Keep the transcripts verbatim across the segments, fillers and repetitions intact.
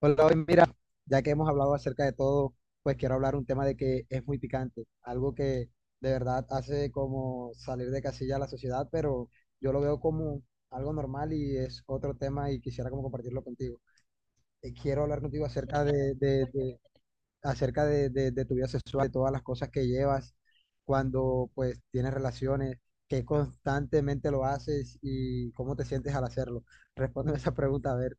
Hola, hoy mira, ya que hemos hablado acerca de todo, pues quiero hablar un tema de que es muy picante, algo que de verdad hace como salir de casilla a la sociedad, pero yo lo veo como algo normal y es otro tema y quisiera como compartirlo contigo. Eh, quiero hablar contigo acerca de, de- de- acerca de, de- de tu vida sexual, de todas las cosas que llevas cuando pues tienes relaciones, que constantemente lo haces y cómo te sientes al hacerlo. Respóndeme esa pregunta, a ver.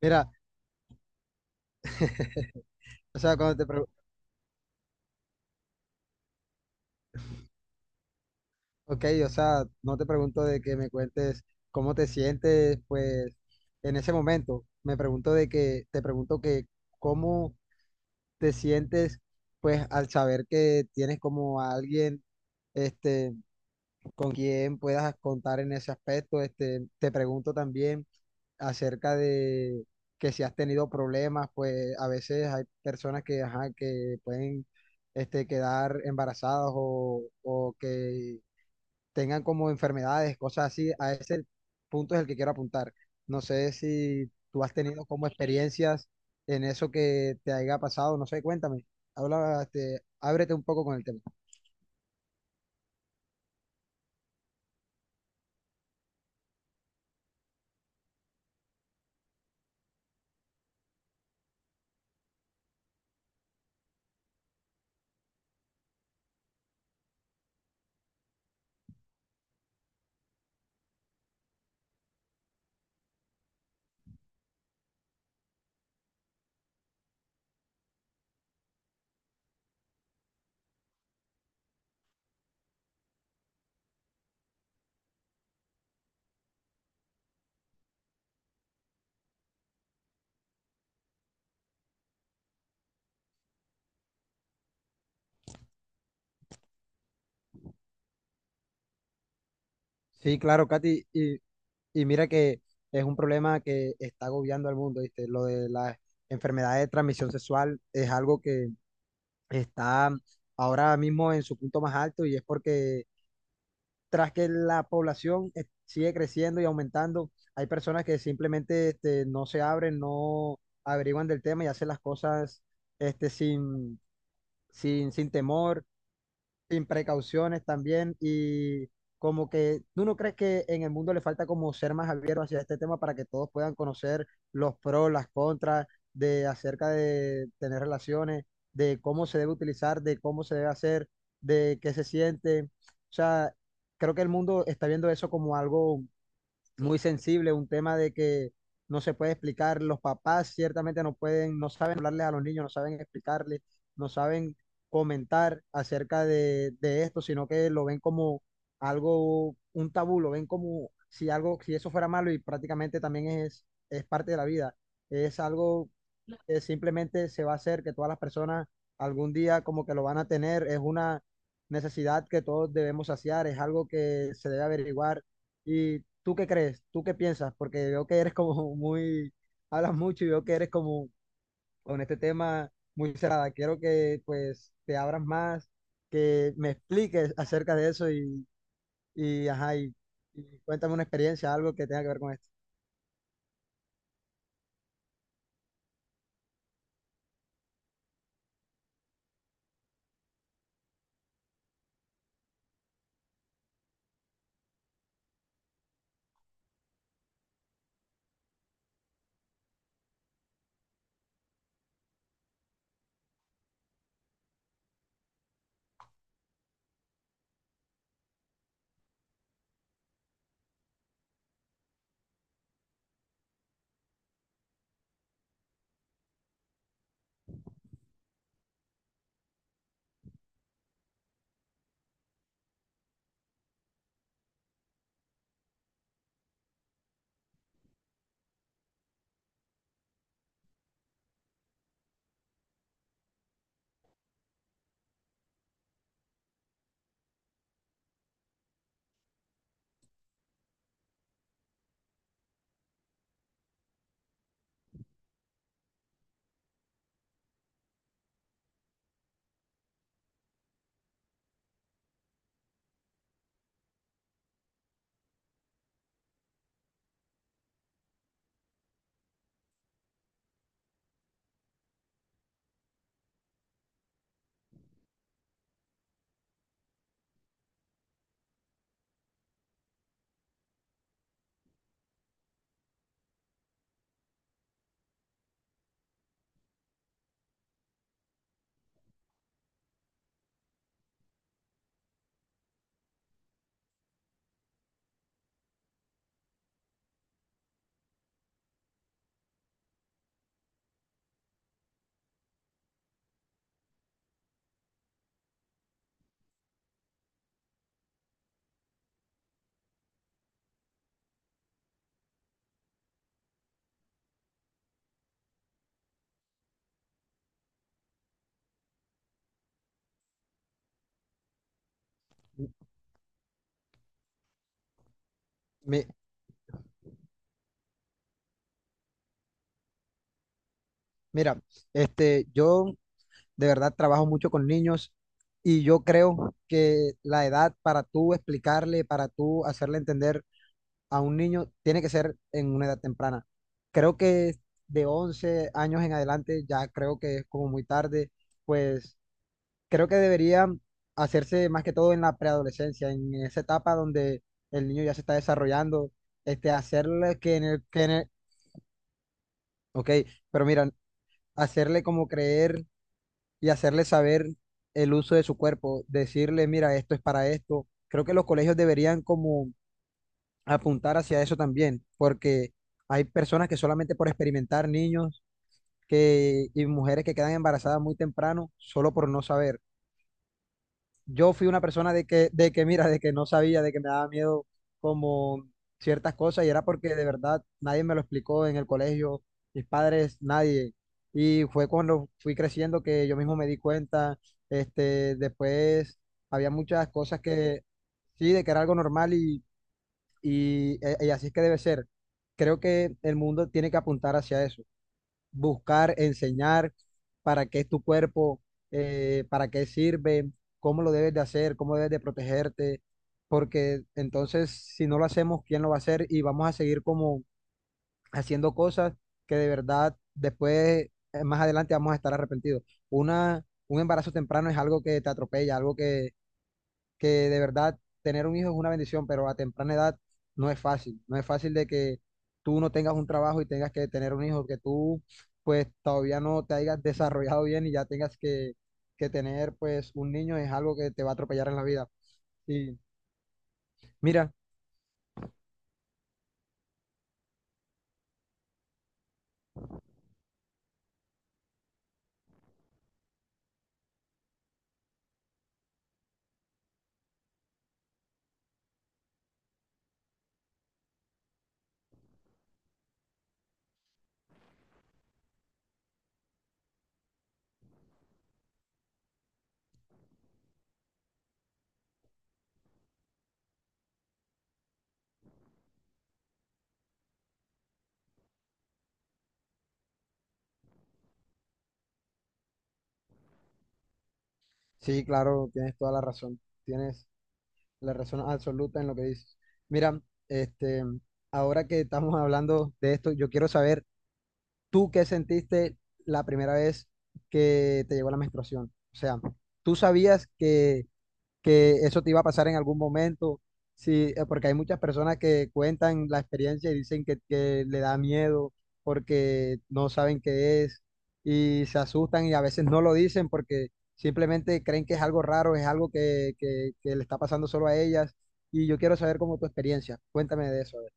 Mira, o sea, cuando te ok, o sea, no te pregunto de que me cuentes cómo te sientes, pues, en ese momento. Me pregunto de que, te pregunto que cómo te sientes, pues, al saber que tienes como a alguien, este, con quien puedas contar en ese aspecto. Este, te pregunto también acerca de que si has tenido problemas, pues, a veces hay personas que, ajá, que pueden, este, quedar embarazadas o, o que tengan como enfermedades, cosas así, a ese punto es el que quiero apuntar. No sé si tú has tenido como experiencias en eso que te haya pasado, no sé, cuéntame. Habla, este, ábrete un poco con el tema. Sí, claro, Katy, y, y mira que es un problema que está agobiando al mundo, ¿viste? Lo de la enfermedad de transmisión sexual es algo que está ahora mismo en su punto más alto y es porque tras que la población eh, sigue creciendo y aumentando, hay personas que simplemente este, no se abren, no averiguan del tema y hacen las cosas este, sin, sin, sin temor sin precauciones también y como que tú no crees que en el mundo le falta como ser más abierto hacia este tema para que todos puedan conocer los pros, las contras de acerca de tener relaciones, de cómo se debe utilizar, de cómo se debe hacer, de qué se siente. O sea, creo que el mundo está viendo eso como algo muy sensible, un tema de que no se puede explicar, los papás ciertamente no pueden, no saben hablarles a los niños, no saben explicarles, no saben comentar acerca de, de esto, sino que lo ven como algo, un tabú, lo ven como si algo, si eso fuera malo y prácticamente también es, es parte de la vida, es algo que simplemente se va a hacer, que todas las personas algún día como que lo van a tener, es una necesidad que todos debemos saciar, es algo que se debe averiguar. ¿Y tú qué crees? ¿Tú qué piensas? Porque veo que eres como muy, hablas mucho y veo que eres como con este tema muy cerrada. Quiero que pues te abras más, que me expliques acerca de eso y, y, ajá, y, y cuéntame una experiencia, algo que tenga que ver con esto. Mi- mira, este, yo de verdad, trabajo mucho con niños y yo creo que la edad para tú explicarle, para tú hacerle entender a un niño, tiene que ser en una edad temprana. Creo que de once años en adelante ya creo que es como muy tarde, pues creo que debería hacerse más que todo en la preadolescencia, en esa etapa donde el niño ya se está desarrollando, este, hacerle que en el, que en el, ok, pero mira, hacerle como creer y hacerle saber el uso de su cuerpo, decirle, mira, esto es para esto. Creo que los colegios deberían como apuntar hacia eso también, porque hay personas que solamente por experimentar niños que, y mujeres que quedan embarazadas muy temprano, solo por no saber yo fui una persona de que, de que, mira, de que no sabía, de que me daba miedo como ciertas cosas y era porque de verdad nadie me lo explicó en el colegio, mis padres, nadie. Y fue cuando fui creciendo que yo mismo me di cuenta, este, después había muchas cosas que sí, de que era algo normal y, y, eh, y así es que debe ser. Creo que el mundo tiene que apuntar hacia eso buscar, enseñar para qué es tu cuerpo, eh, para qué sirve, cómo lo debes de hacer, cómo debes de protegerte, porque entonces si no lo hacemos, ¿quién lo va a hacer? Y vamos a seguir como haciendo cosas que de verdad después, eh, más adelante vamos a estar arrepentidos. Una, un embarazo temprano es algo que te atropella, algo que que de verdad tener un hijo es una bendición, pero a temprana edad no es fácil. No es fácil de que tú no tengas un trabajo y tengas que tener un hijo, que tú pues todavía no te hayas desarrollado bien y ya tengas que, que tener pues un niño es algo que te va a atropellar en la vida. Y mira, sí, claro, tienes toda la razón. Tienes la razón absoluta en lo que dices. Mira, este, ahora que estamos hablando de esto, yo quiero saber ¿tú qué sentiste la primera vez que te llegó la menstruación? O sea, ¿tú sabías que, que eso te iba a pasar en algún momento? Sí, eh, porque hay muchas personas que cuentan la experiencia y dicen que, que le da miedo porque no saben qué es y se asustan y a veces no lo dicen porque simplemente creen que es algo raro, es algo que, que, que le está pasando solo a ellas. Y yo quiero saber cómo tu experiencia. Cuéntame de eso, a ver.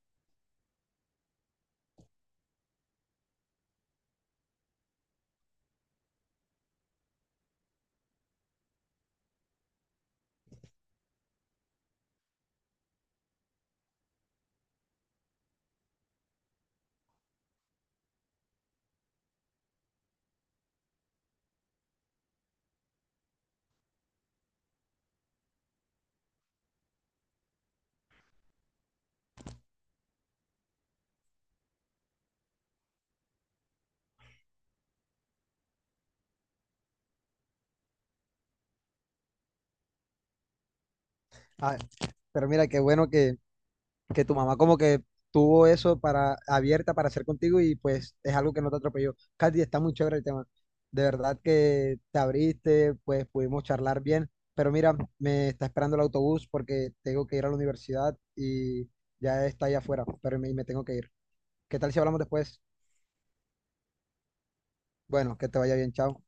Ah, pero mira, qué bueno que, que tu mamá como que tuvo eso para abierta para hacer contigo y pues es algo que no te atropelló. Katy, está muy chévere el tema. De verdad que te abriste, pues pudimos charlar bien, pero mira, me está esperando el autobús porque tengo que ir a la universidad y ya está ahí afuera, pero me, me tengo que ir. ¿Qué tal si hablamos después? Bueno, que te vaya bien, chao.